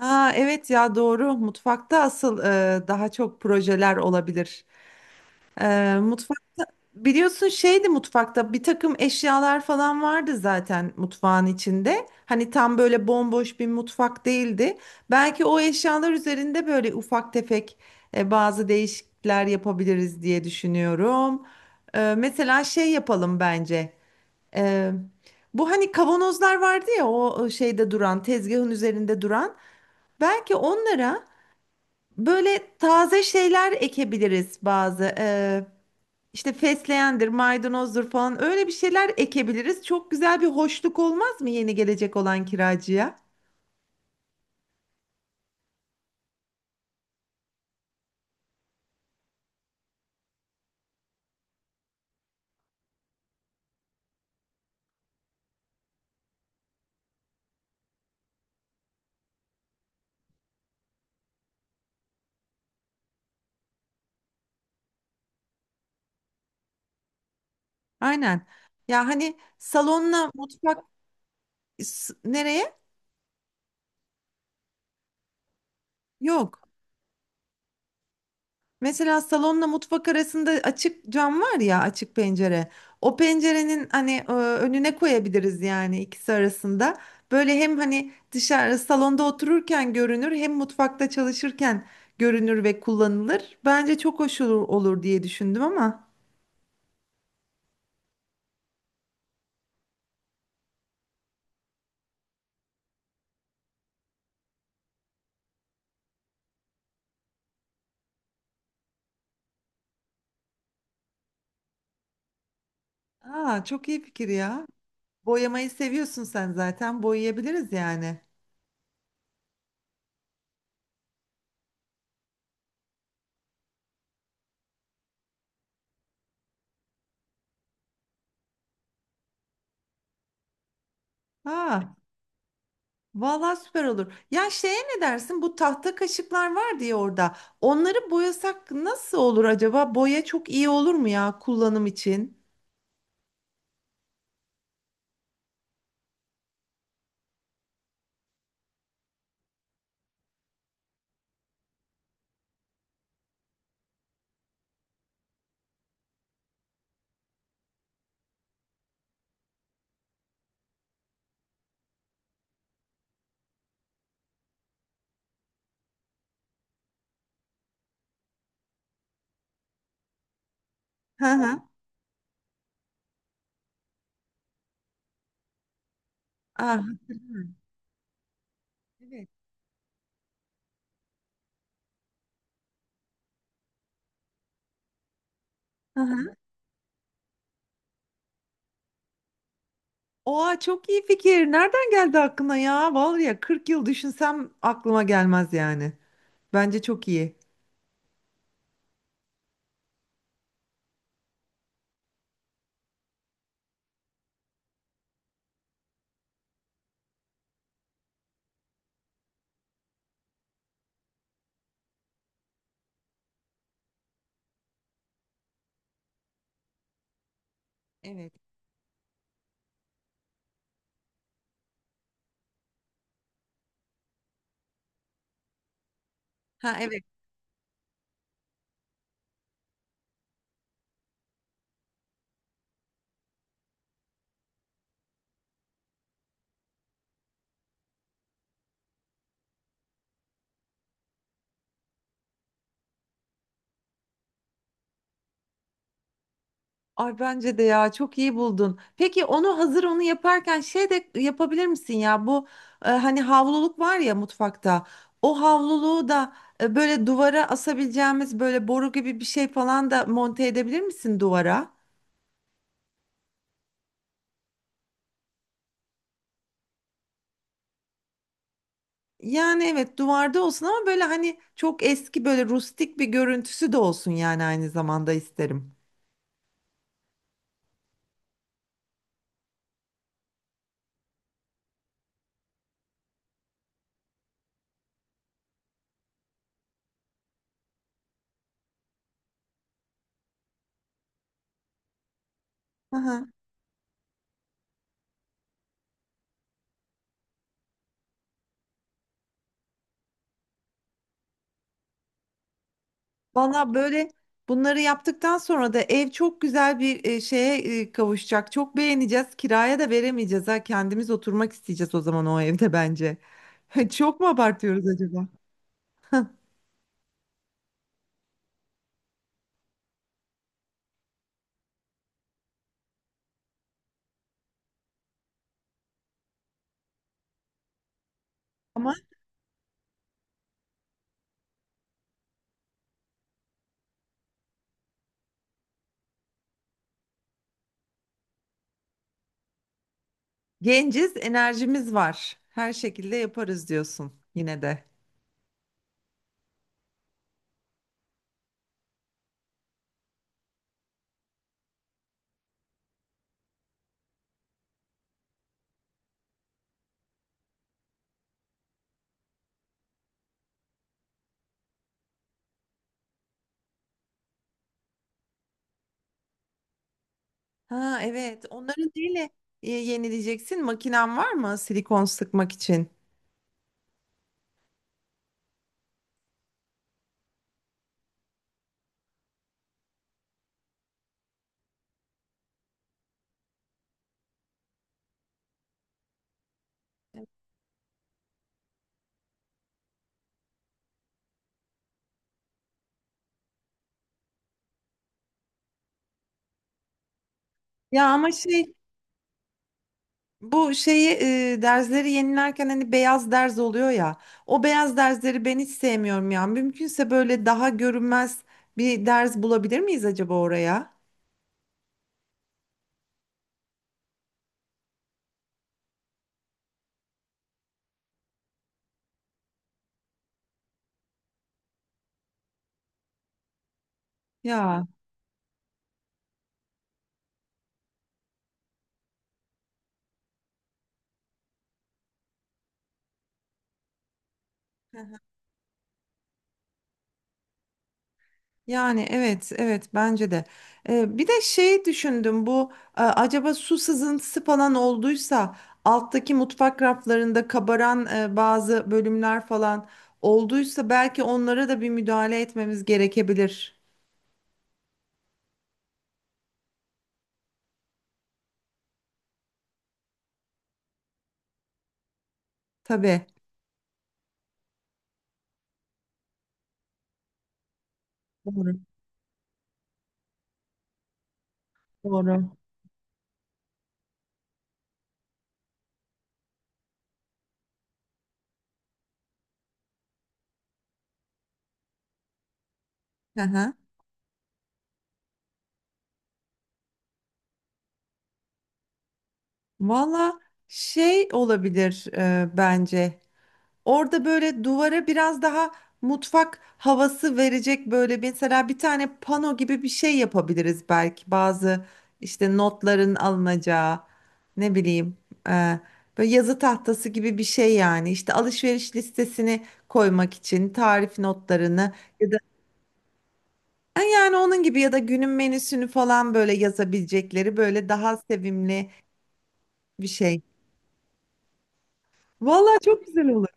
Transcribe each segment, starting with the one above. Ha, evet ya doğru. Mutfakta asıl daha çok projeler olabilir. Mutfakta biliyorsun şeydi mutfakta bir takım eşyalar falan vardı zaten mutfağın içinde. Hani tam böyle bomboş bir mutfak değildi. Belki o eşyalar üzerinde böyle ufak tefek bazı değişiklikler yapabiliriz diye düşünüyorum. Mesela şey yapalım bence. E, Bu hani kavanozlar vardı ya, o şeyde duran, tezgahın üzerinde duran. Belki onlara böyle taze şeyler ekebiliriz bazı. İşte fesleğendir, maydanozdur falan, öyle bir şeyler ekebiliriz. Çok güzel bir hoşluk olmaz mı yeni gelecek olan kiracıya? Aynen. Ya hani salonla mutfak nereye? Yok. Mesela salonla mutfak arasında açık cam var ya, açık pencere. O pencerenin hani önüne koyabiliriz yani, ikisi arasında. Böyle hem hani dışarı salonda otururken görünür, hem mutfakta çalışırken görünür ve kullanılır. Bence çok hoş olur, olur diye düşündüm ama. Aa, çok iyi fikir ya. Boyamayı seviyorsun sen zaten, boyayabiliriz yani. Aa. Vallahi süper olur. Ya şeye ne dersin? Bu tahta kaşıklar var diye orada. Onları boyasak nasıl olur acaba? Boya çok iyi olur mu ya kullanım için? Hı hı. Ah. Evet. Hı hı. Oha, çok iyi fikir. Nereden geldi aklına ya? Vallahi ya 40 yıl düşünsem aklıma gelmez yani. Bence çok iyi. Evet. Ha, evet. Ay bence de ya, çok iyi buldun. Peki onu hazır onu yaparken şey de yapabilir misin ya, bu hani havluluk var ya mutfakta. O havluluğu da böyle duvara asabileceğimiz böyle boru gibi bir şey falan da monte edebilir misin duvara? Yani evet, duvarda olsun ama böyle hani çok eski, böyle rustik bir görüntüsü de olsun yani, aynı zamanda isterim. Valla böyle bunları yaptıktan sonra da ev çok güzel bir şeye kavuşacak. Çok beğeneceğiz. Kiraya da veremeyeceğiz ha. Kendimiz oturmak isteyeceğiz o zaman o evde bence. Çok mu abartıyoruz acaba? Ama genciz, enerjimiz var. Her şekilde yaparız diyorsun yine de. Ha, evet. Onları neyle yenileyeceksin? Makinen var mı silikon sıkmak için? Ya ama Bu şeyi derzleri yenilerken hani beyaz derz oluyor ya. O beyaz derzleri ben hiç sevmiyorum ya. Mümkünse böyle daha görünmez bir derz bulabilir miyiz acaba oraya? Ya yani evet, evet bence de. Bir de şeyi düşündüm bu, acaba su sızıntısı falan olduysa alttaki mutfak raflarında kabaran bazı bölümler falan olduysa, belki onlara da bir müdahale etmemiz gerekebilir. Tabii. Doğru. Doğru. Hı hı. Valla şey olabilir bence. Orada böyle duvara biraz daha mutfak havası verecek böyle mesela bir tane pano gibi bir şey yapabiliriz belki. Bazı işte notların alınacağı, ne bileyim, e, böyle yazı tahtası gibi bir şey yani. İşte alışveriş listesini koymak için, tarif notlarını ya da yani onun gibi, ya da günün menüsünü falan böyle yazabilecekleri böyle daha sevimli bir şey. Valla çok güzel olur.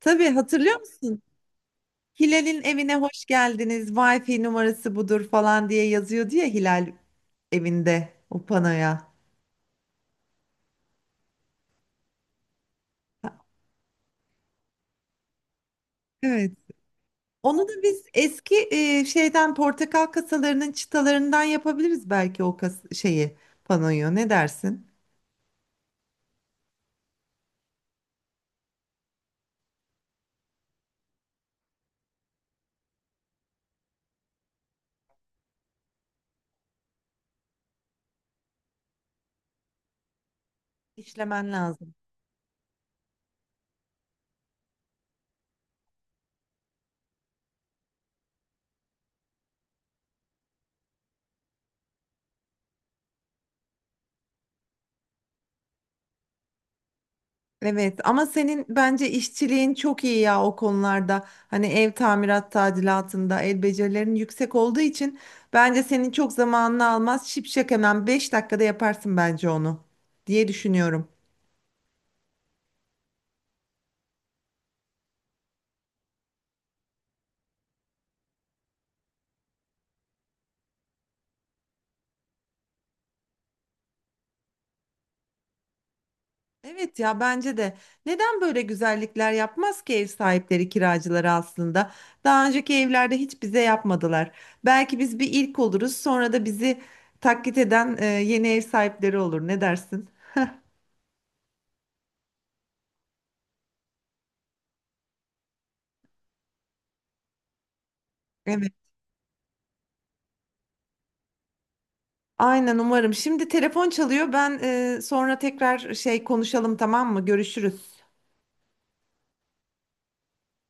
Tabii, hatırlıyor musun? Hilal'in evine hoş geldiniz, Wi-Fi numarası budur falan diye yazıyordu ya Hilal evinde o panoya. Evet. Onu da biz eski şeyden, portakal kasalarının çıtalarından yapabiliriz belki, o kas şeyi, panoyu. Ne dersin? İşlemen lazım. Evet ama senin bence işçiliğin çok iyi ya o konularda. Hani ev tamirat tadilatında el becerilerin yüksek olduğu için bence senin çok zamanını almaz. Şipşak hemen 5 dakikada yaparsın bence onu diye düşünüyorum. Evet ya bence de. Neden böyle güzellikler yapmaz ki ev sahipleri kiracıları aslında? Daha önceki evlerde hiç bize yapmadılar. Belki biz bir ilk oluruz, sonra da bizi taklit eden yeni ev sahipleri olur. Ne dersin? Aynen, umarım. Şimdi telefon çalıyor. Ben sonra tekrar şey konuşalım, tamam mı? Görüşürüz.